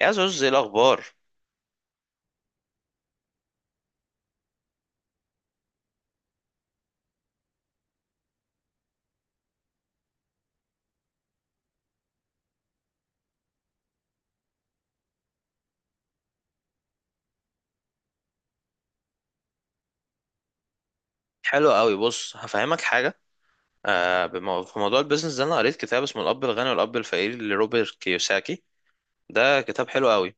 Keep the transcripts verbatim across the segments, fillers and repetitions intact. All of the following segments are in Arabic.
يا زوز، ايه الاخبار؟ حلو قوي. بص، هفهمك حاجه. آه بمو... في موضوع البيزنس ده انا قريت كتاب اسمه الاب الغني والاب الفقير لروبرت كيوساكي. ده كتاب حلو قوي.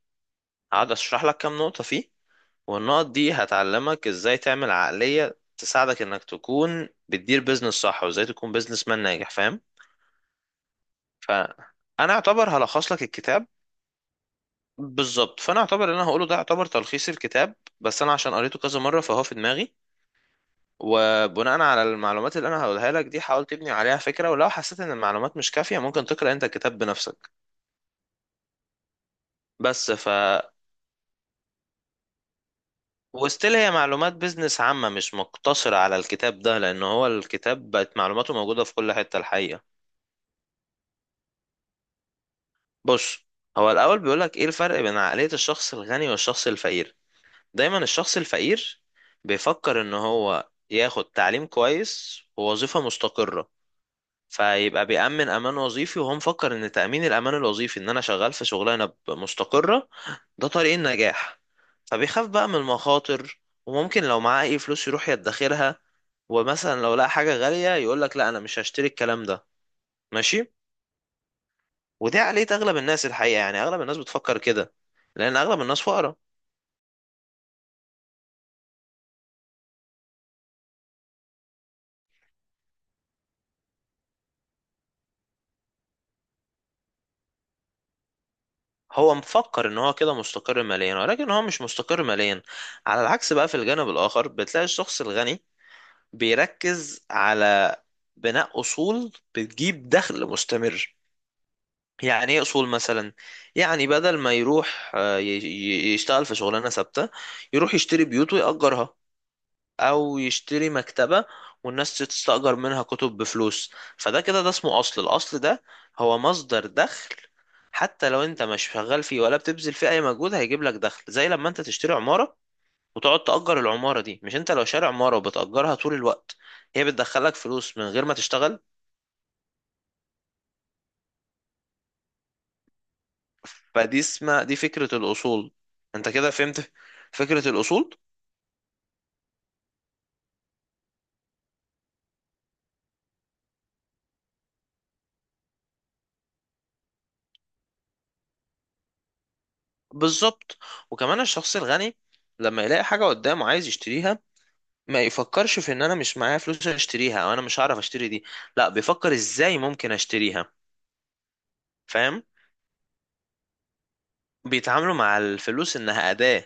هقعد اشرح لك كام نقطه فيه، والنقط دي هتعلمك ازاي تعمل عقليه تساعدك انك تكون بتدير بيزنس صح، وازاي تكون بيزنس مان ناجح، فاهم؟ فانا اعتبر هلخص لك الكتاب. بالظبط، فانا اعتبر اللي انا هقوله ده يعتبر تلخيص الكتاب، بس انا عشان قريته كذا مره فهو في دماغي. وبناء على المعلومات اللي انا هقولها لك دي، حاول تبني عليها فكرة، ولو حسيت ان المعلومات مش كافية ممكن تقرأ انت الكتاب بنفسك. بس ف وستيل هي معلومات بيزنس عامة مش مقتصرة على الكتاب ده، لان هو الكتاب بقت معلوماته موجودة في كل حتة الحقيقة. بص، هو الاول بيقولك ايه الفرق بين عقلية الشخص الغني والشخص الفقير. دايما الشخص الفقير بيفكر ان هو ياخد تعليم كويس ووظيفة مستقرة، فيبقى بيأمن أمان وظيفي، وهو مفكر إن تأمين الأمان الوظيفي إن أنا شغال في شغلانة ب- مستقرة، ده طريق النجاح. فبيخاف بقى من المخاطر، وممكن لو معاه أي فلوس يروح يدخرها، ومثلا لو لقى حاجة غالية يقولك لا أنا مش هشتري الكلام ده، ماشي. ودي عقلية أغلب الناس الحقيقة، يعني أغلب الناس بتفكر كده، لأن أغلب الناس فقراء. هو مفكر ان هو كده مستقر ماليا، ولكن هو مش مستقر ماليا. على العكس بقى، في الجانب الاخر بتلاقي الشخص الغني بيركز على بناء أصول بتجيب دخل مستمر. يعني ايه اصول مثلا؟ يعني بدل ما يروح آه، ي- ي- يشتغل في شغلانه ثابته، يروح يشتري بيوت ويأجرها، او يشتري مكتبه والناس تستأجر منها كتب بفلوس. فده كده ده اسمه اصل. الاصل ده هو مصدر دخل، حتى لو انت مش شغال فيه ولا بتبذل فيه اي مجهود هيجيب لك دخل، زي لما انت تشتري عمارة وتقعد تأجر العمارة دي. مش انت لو شاري عمارة وبتأجرها طول الوقت هي بتدخلك فلوس من غير ما تشتغل؟ فدي اسمها، دي فكرة الأصول. انت كده فهمت فكرة الأصول. بالظبط. وكمان الشخص الغني لما يلاقي حاجة قدامه عايز يشتريها ما يفكرش في ان انا مش معايا فلوس اشتريها او انا مش هعرف اشتري دي، لا، بيفكر ازاي ممكن اشتريها، فاهم؟ بيتعاملوا مع الفلوس انها أداة.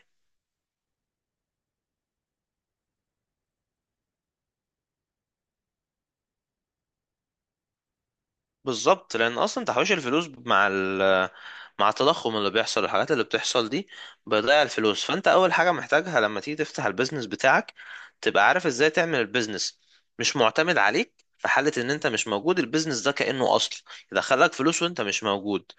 بالظبط، لان اصلا تحويش الفلوس مع ال مع التضخم اللي بيحصل، الحاجات اللي بتحصل دي بتضيع الفلوس. فانت اول حاجه محتاجها لما تيجي تفتح البيزنس بتاعك تبقى عارف ازاي تعمل البيزنس، مش معتمد عليك. في حاله ان انت مش موجود البيزنس ده كانه اصل يدخلك فلوس وانت مش موجود،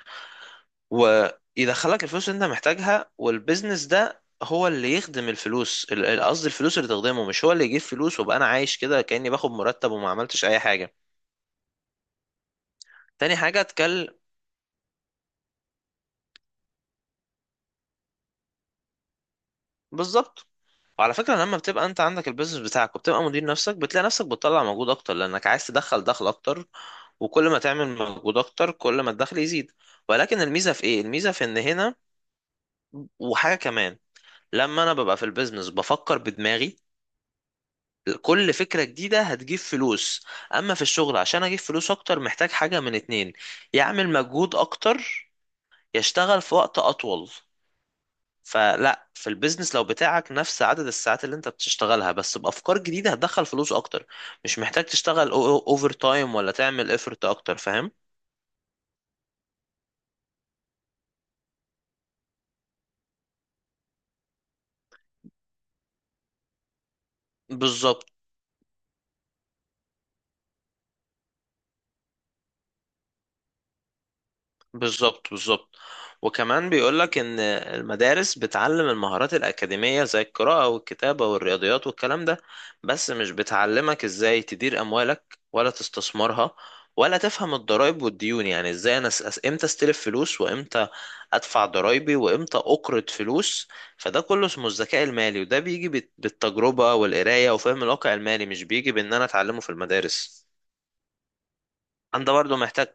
ويدخلك الفلوس اللي انت محتاجها. والبيزنس ده هو اللي يخدم الفلوس، ال- ال- قصدي الفلوس اللي تخدمه، مش هو اللي يجيب فلوس وابقى انا عايش كده كاني باخد مرتب وما عملتش اي حاجه. تاني حاجه اتكلم. بالظبط. وعلى فكرة لما بتبقى انت عندك البيزنس بتاعك وبتبقى مدير نفسك، بتلاقي نفسك بتطلع مجهود اكتر لانك عايز تدخل دخل اكتر، وكل ما تعمل مجهود اكتر كل ما الدخل يزيد. ولكن الميزة في ايه؟ الميزة في ان هنا وحاجة كمان، لما انا ببقى في البيزنس بفكر بدماغي كل فكرة جديدة هتجيب فلوس. اما في الشغل، عشان اجيب فلوس اكتر محتاج حاجة من اتنين: يعمل مجهود اكتر، يشتغل في وقت اطول. فلا، في البيزنس لو بتاعك نفس عدد الساعات اللي انت بتشتغلها بس بافكار جديده هتدخل فلوس اكتر، مش محتاج تشتغل اوفر تايم ولا تعمل افورت اكتر، فاهم؟ بالظبط. بالظبط. بالظبط. وكمان بيقولك ان المدارس بتعلم المهارات الاكاديميه زي القراءه والكتابه والرياضيات والكلام ده، بس مش بتعلمك ازاي تدير اموالك ولا تستثمرها، ولا تفهم الضرائب والديون. يعني ازاي انا أس... أس- امتى استلف فلوس، وامتى ادفع ضرائبي، وامتى اقرض فلوس. فده كله اسمه الذكاء المالي، وده بيجي بت- بالتجربه والقرايه وفهم الواقع المالي، مش بيجي بان انا اتعلمه في المدارس. انت برضو محتاج.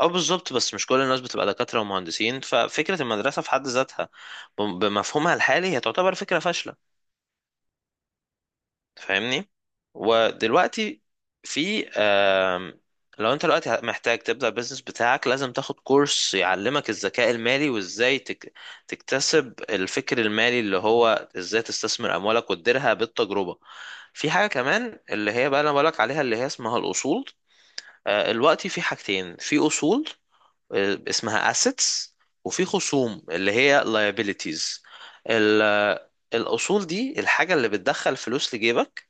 اه، بالظبط، بس مش كل الناس بتبقى دكاترة ومهندسين. ففكرة المدرسة في حد ذاتها بم- بمفهومها الحالي هي تعتبر فكرة فاشلة، فاهمني؟ ودلوقتي في آم، لو انت دلوقتي محتاج تبدأ البيزنس بتاعك لازم تاخد كورس يعلمك الذكاء المالي، وازاي تك- تكتسب الفكر المالي، اللي هو ازاي تستثمر اموالك وتديرها بالتجربة. في حاجة كمان اللي هي بقى انا بقولك عليها اللي هي اسمها الاصول. آه، دلوقتي في حاجتين: في اصول آه، اسمها assets، وفي خصوم اللي هي liabilities. ال- الأصول دي الحاجة اللي بتدخل فلوس لجيبك،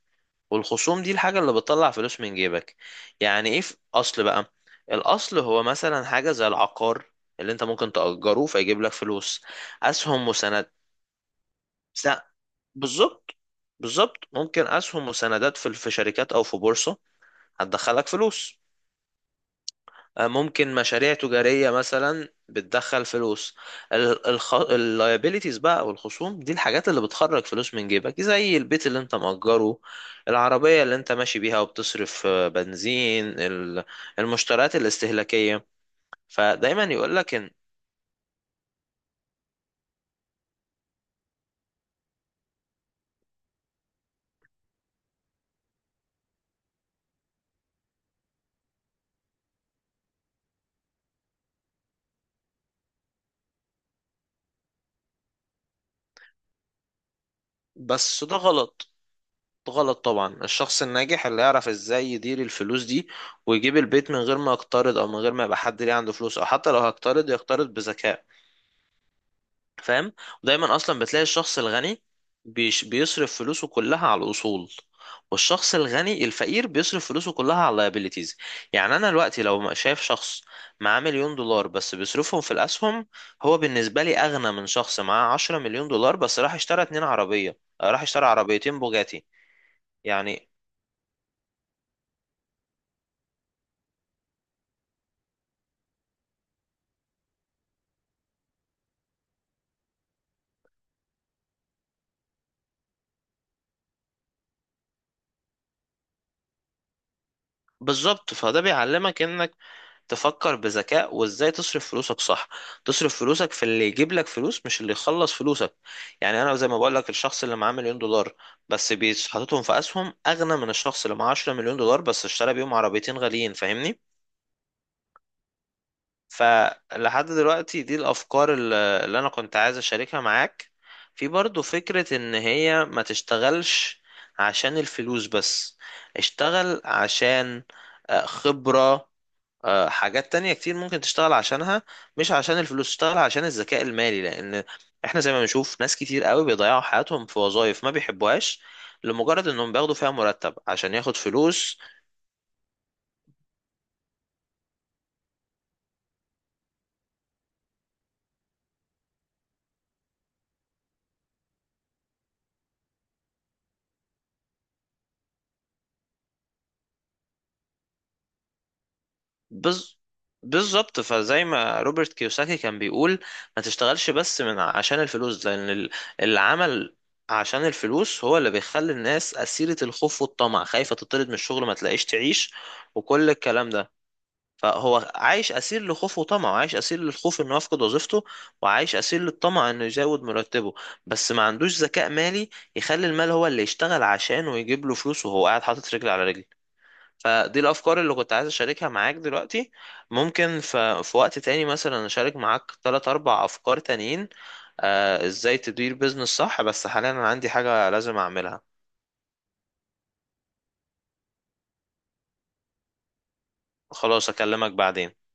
والخصوم دي الحاجة اللي بتطلع فلوس من جيبك. يعني ايه في أصل بقى؟ الأصل هو مثلا حاجة زي العقار اللي انت ممكن تأجره فيجيب لك فلوس. أسهم وسند. س- بالظبط. بالظبط. ممكن أسهم وسندات في في شركات أو في بورصة، هتدخلك فلوس. آه، ممكن مشاريع تجارية مثلا بتدخل فلوس. اللايبيليتيز بقى او الخصوم دي الحاجات اللي بتخرج فلوس من جيبك، زي البيت اللي انت مأجره، العربية اللي انت ماشي بيها وبتصرف آه، بنزين، ال- المشتريات الاستهلاكية. فدايما يقولك ان بس ده غلط. ده غلط طبعا. الشخص الناجح اللي يعرف ازاي يدير الفلوس دي ويجيب البيت من غير ما يقترض، او من غير ما يبقى حد ليه عنده فلوس، او حتى لو هيقترض يقترض بذكاء، فاهم؟ ودايما اصلا بتلاقي الشخص الغني بيش بيصرف فلوسه كلها على الاصول، والشخص الغني الفقير بيصرف فلوسه كلها على اللايبيليتيز. يعني انا دلوقتي لو ما- شايف شخص معاه مليون دولار بس بيصرفهم في الاسهم، هو بالنسبه لي اغنى من شخص معاه عشرة مليون دولار بس راح اشترى اتنين عربيه، راح اشترى عربيتين بوجاتي. يعني بالظبط. فده بيعلمك انك تفكر بذكاء وازاي تصرف فلوسك صح. تصرف فلوسك في اللي يجيب لك فلوس، مش اللي يخلص فلوسك. يعني انا زي ما بقول لك الشخص اللي معاه مليون دولار بس بيس- حاططهم في اسهم اغنى من الشخص اللي معاه عشرة مليون دولار بس اشترى بيهم عربيتين غاليين، فاهمني؟ فلحد دلوقتي دي الافكار اللي اللي انا كنت عايز اشاركها معاك. في برضو فكرة ان هي ما تشتغلش عشان الفلوس بس، اشتغل عشان آه، خبرة، آه، حاجات تانية كتير ممكن تشتغل عشانها، مش عشان الفلوس. تشتغل عشان الذكاء المالي، لأن احنا زي ما بنشوف ناس كتير قوي بيضيعوا حياتهم في وظائف ما بيحبوهاش لمجرد انهم بياخدوا فيها مرتب عشان ياخد فلوس. بز... بالظبط. فزي ما روبرت كيوساكي كان بيقول، ما تشتغلش بس من عشان الفلوس، لأن ال- العمل عشان الفلوس هو اللي بيخلي الناس أسيرة الخوف والطمع، خايفة تطرد من الشغل ما تلاقيش تعيش، وكل الكلام ده. فهو عايش اسير لخوفه وطمعه، عايش اسير للخوف انه يفقد وظيفته، وعايش اسير للطمع انه يزود مرتبه، بس ما عندوش ذكاء مالي يخلي المال هو اللي يشتغل عشانه ويجيب له فلوس وهو قاعد حاطط رجل على رجل. فدي الافكار اللي كنت عايز اشاركها معاك دلوقتي. ممكن ف- في وقت تاني مثلا اشارك معاك تلات اربع افكار تانيين، آه ازاي تدير بيزنس صح، بس حاليا انا عندي حاجة لازم اعملها. خلاص اكلمك بعدين.